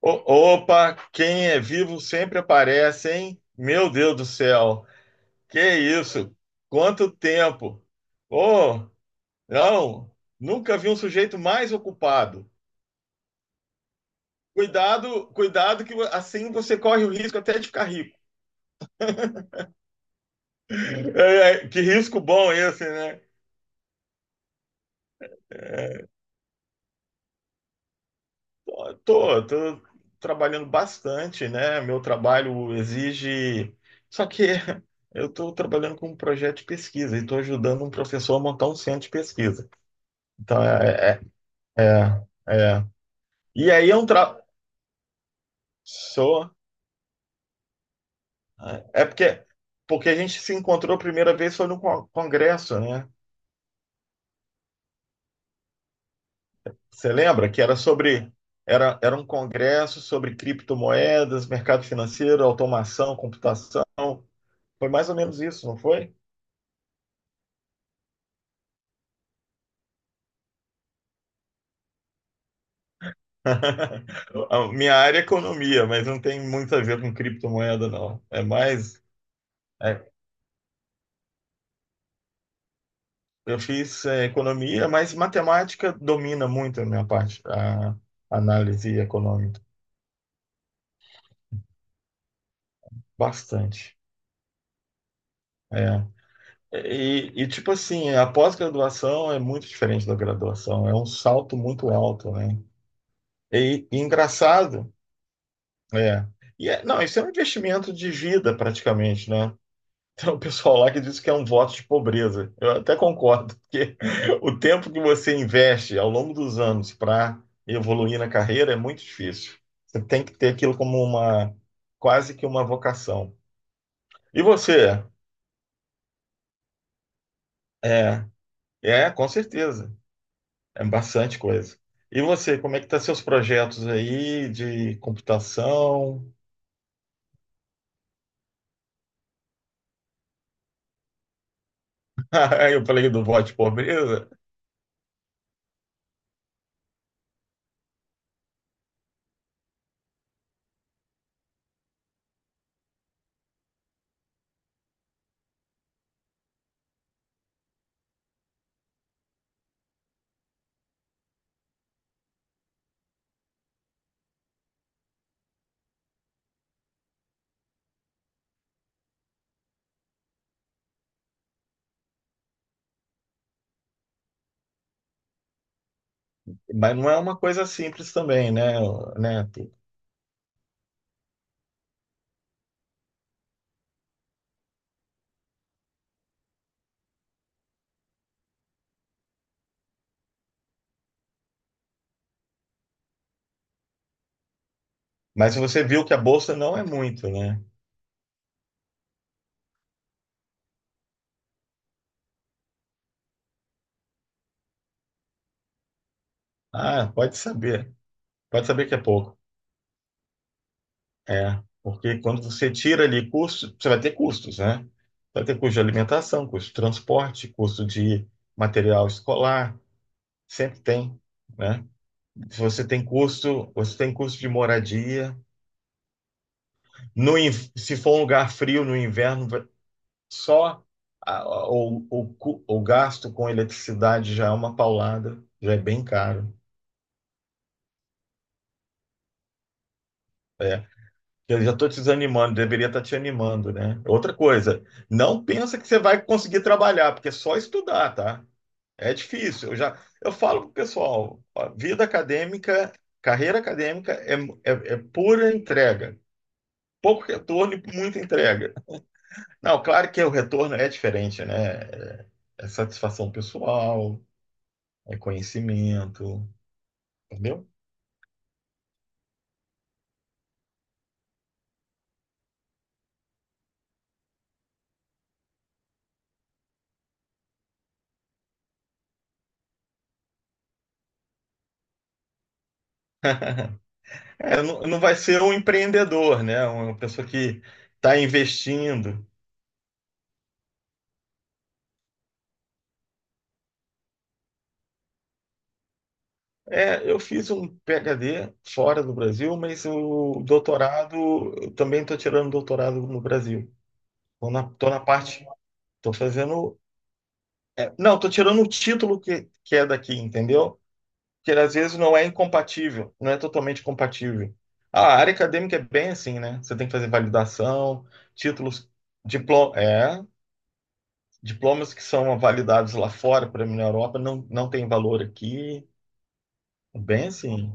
Opa, quem é vivo sempre aparece, hein? Meu Deus do céu, que isso? Quanto tempo! Oh, não, nunca vi um sujeito mais ocupado. Cuidado, cuidado que assim você corre o risco até de ficar rico. É, é, que risco bom esse, né? Tô, tô, trabalhando bastante, né? Meu trabalho exige. Só que eu estou trabalhando com um projeto de pesquisa e estou ajudando um professor a montar um centro de pesquisa. Então, é É, é. E aí é um tra... Sou. É porque, porque a gente se encontrou a primeira vez foi no congresso, né? Você lembra que era sobre era, era um congresso sobre criptomoedas, mercado financeiro, automação, computação. Foi mais ou menos isso, não foi? A minha área é economia, mas não tem muito a ver com criptomoeda, não. É mais é, eu fiz é, economia, mas matemática domina muito a minha parte, a análise econômica. Bastante. É. Tipo assim, a pós-graduação é muito diferente da graduação, é um salto muito alto, né? Engraçado, é. Não, isso é um investimento de vida praticamente, né? Tem um pessoal lá que diz que é um voto de pobreza. Eu até concordo, porque o tempo que você investe ao longo dos anos para evoluir na carreira é muito difícil. Você tem que ter aquilo como uma, quase que uma vocação. E você? É, é, com certeza. É bastante coisa. E você, como é que tá seus projetos aí de computação? Eu falei do voto de pobreza, mas não é uma coisa simples também, né, né, Tu? Mas você viu que a bolsa não é muito, né? Ah, pode saber. Pode saber que é pouco. É, porque quando você tira ali custo, você vai ter custos, né? Vai ter custo de alimentação, custo de transporte, custo de material escolar, sempre tem, né? Se você tem custo, você tem custo de moradia. No, se for um lugar frio no inverno, só o gasto com eletricidade já é uma paulada, já é bem caro. É. Eu já estou te desanimando, deveria estar te animando, né? Outra coisa, não pensa que você vai conseguir trabalhar, porque é só estudar, tá? É difícil. Eu falo pro pessoal, ó, vida acadêmica, carreira acadêmica é pura entrega. Pouco retorno e muita entrega. Não, claro que o retorno é diferente, né? É, é satisfação pessoal, é conhecimento, entendeu? É, não, não vai ser um empreendedor, né? Uma pessoa que está investindo. É, eu fiz um PhD fora do Brasil, mas o doutorado, eu também estou tirando doutorado no Brasil. Tô na parte, estou fazendo. É, Não, estou tirando o título que é daqui, entendeu? Que às vezes não é incompatível, não é totalmente compatível. A área acadêmica é bem assim, né? Você tem que fazer validação, títulos, diploma, é, diplomas que são validados lá fora, para mim na Europa, não, não tem valor aqui. É bem assim.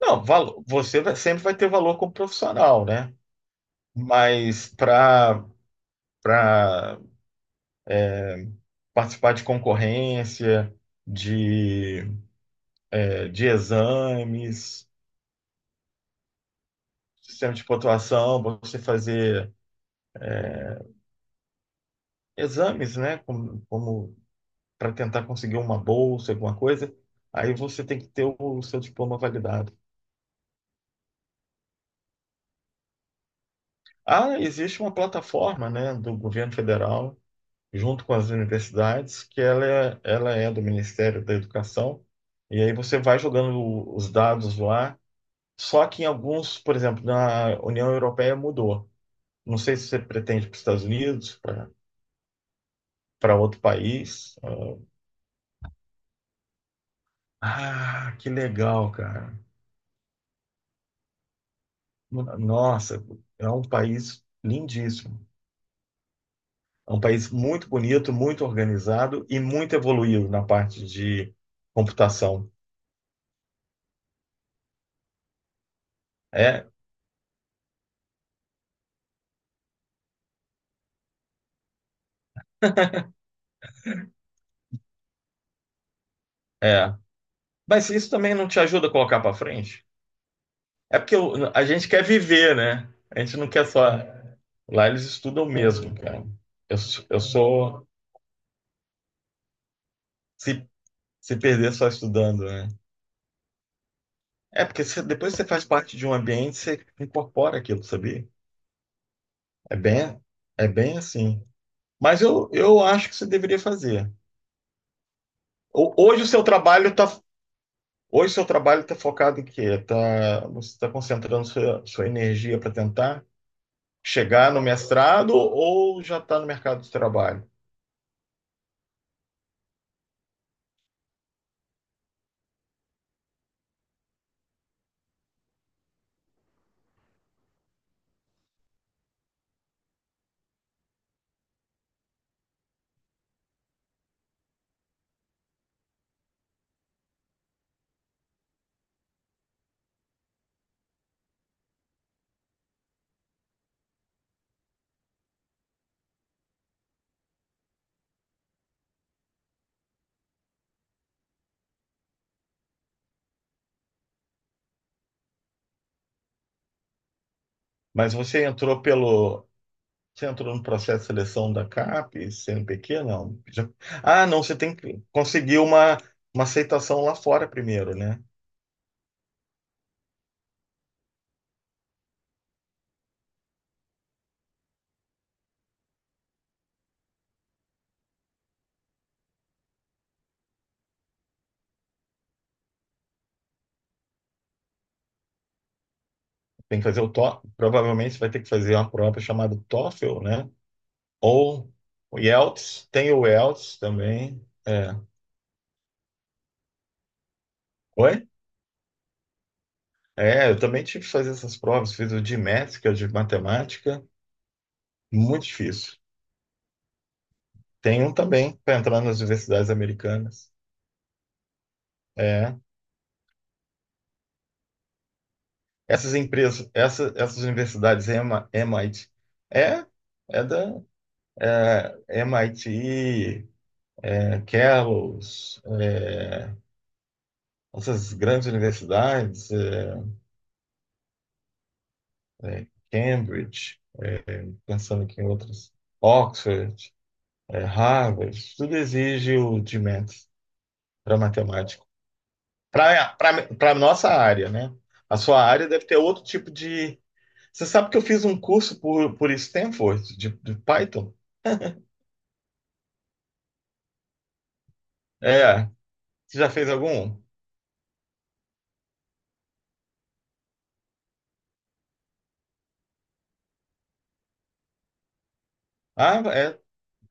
Não, sempre vai ter valor como profissional, né? Mas para participar de concorrência, de, de exames, sistema de pontuação, você fazer exames, né? Como, como para tentar conseguir uma bolsa, alguma coisa. Aí você tem que ter o seu diploma validado. Ah, existe uma plataforma, né, do governo federal, junto com as universidades, que ela é do Ministério da Educação. E aí você vai jogando os dados lá. Só que em alguns, por exemplo, na União Europeia mudou. Não sei se você pretende para os Estados Unidos, para outro país. Ah, que legal, cara. Nossa, é um país lindíssimo. É um país muito bonito, muito organizado e muito evoluído na parte de computação. É, é. Mas isso também não te ajuda a colocar para frente? É porque a gente quer viver, né? A gente não quer só. Lá eles estudam mesmo, cara. Eu sou. Se, se perder só estudando, né? É porque depois que você faz parte de um ambiente, você incorpora aquilo, sabia? É bem, é bem assim. Mas eu acho que você deveria fazer. Ho- Hoje o seu trabalho está hoje o seu trabalho tá focado em quê? Tá, você está concentrando sua energia para tentar chegar no mestrado ou já está no mercado de trabalho? Mas você entrou pelo você entrou no processo de seleção da CAP, CNPq, não? Ah, não, você tem que conseguir uma aceitação lá fora primeiro, né? Tem que fazer o TOEFL, provavelmente você vai ter que fazer uma prova chamada TOEFL, né? Ou o Yelts, tem o Yelts também. É. Oi? É, eu também tive que fazer essas provas, fiz o de Maths, que é o de matemática, muito difícil. Tem um também para entrar nas universidades americanas. É. Essas universidades EMA, MIT, é, é da MIT, é, Kellogg's, é, essas grandes universidades, é, é, Cambridge, pensando aqui em outras, Oxford, é, Harvard, isso tudo exige o de Math para matemática. Para a nossa área, né? A sua área deve ter outro tipo de. Você sabe que eu fiz um curso por Stanford, de Python? É. Você já fez algum? Ah,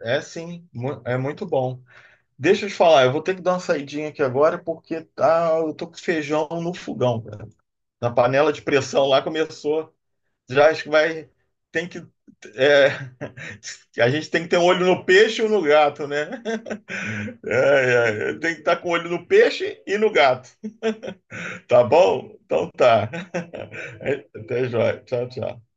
é sim, é muito bom. Deixa eu te falar, eu vou ter que dar uma saidinha aqui agora porque tá, eu tô com feijão no fogão, cara. Na panela de pressão lá começou. Já acho que vai. Tem que. É, a gente tem que ter um olho no peixe e um no gato, né? É, é, tem que estar com o olho no peixe e no gato. Tá bom? Então tá. Até jóia. Tchau, tchau.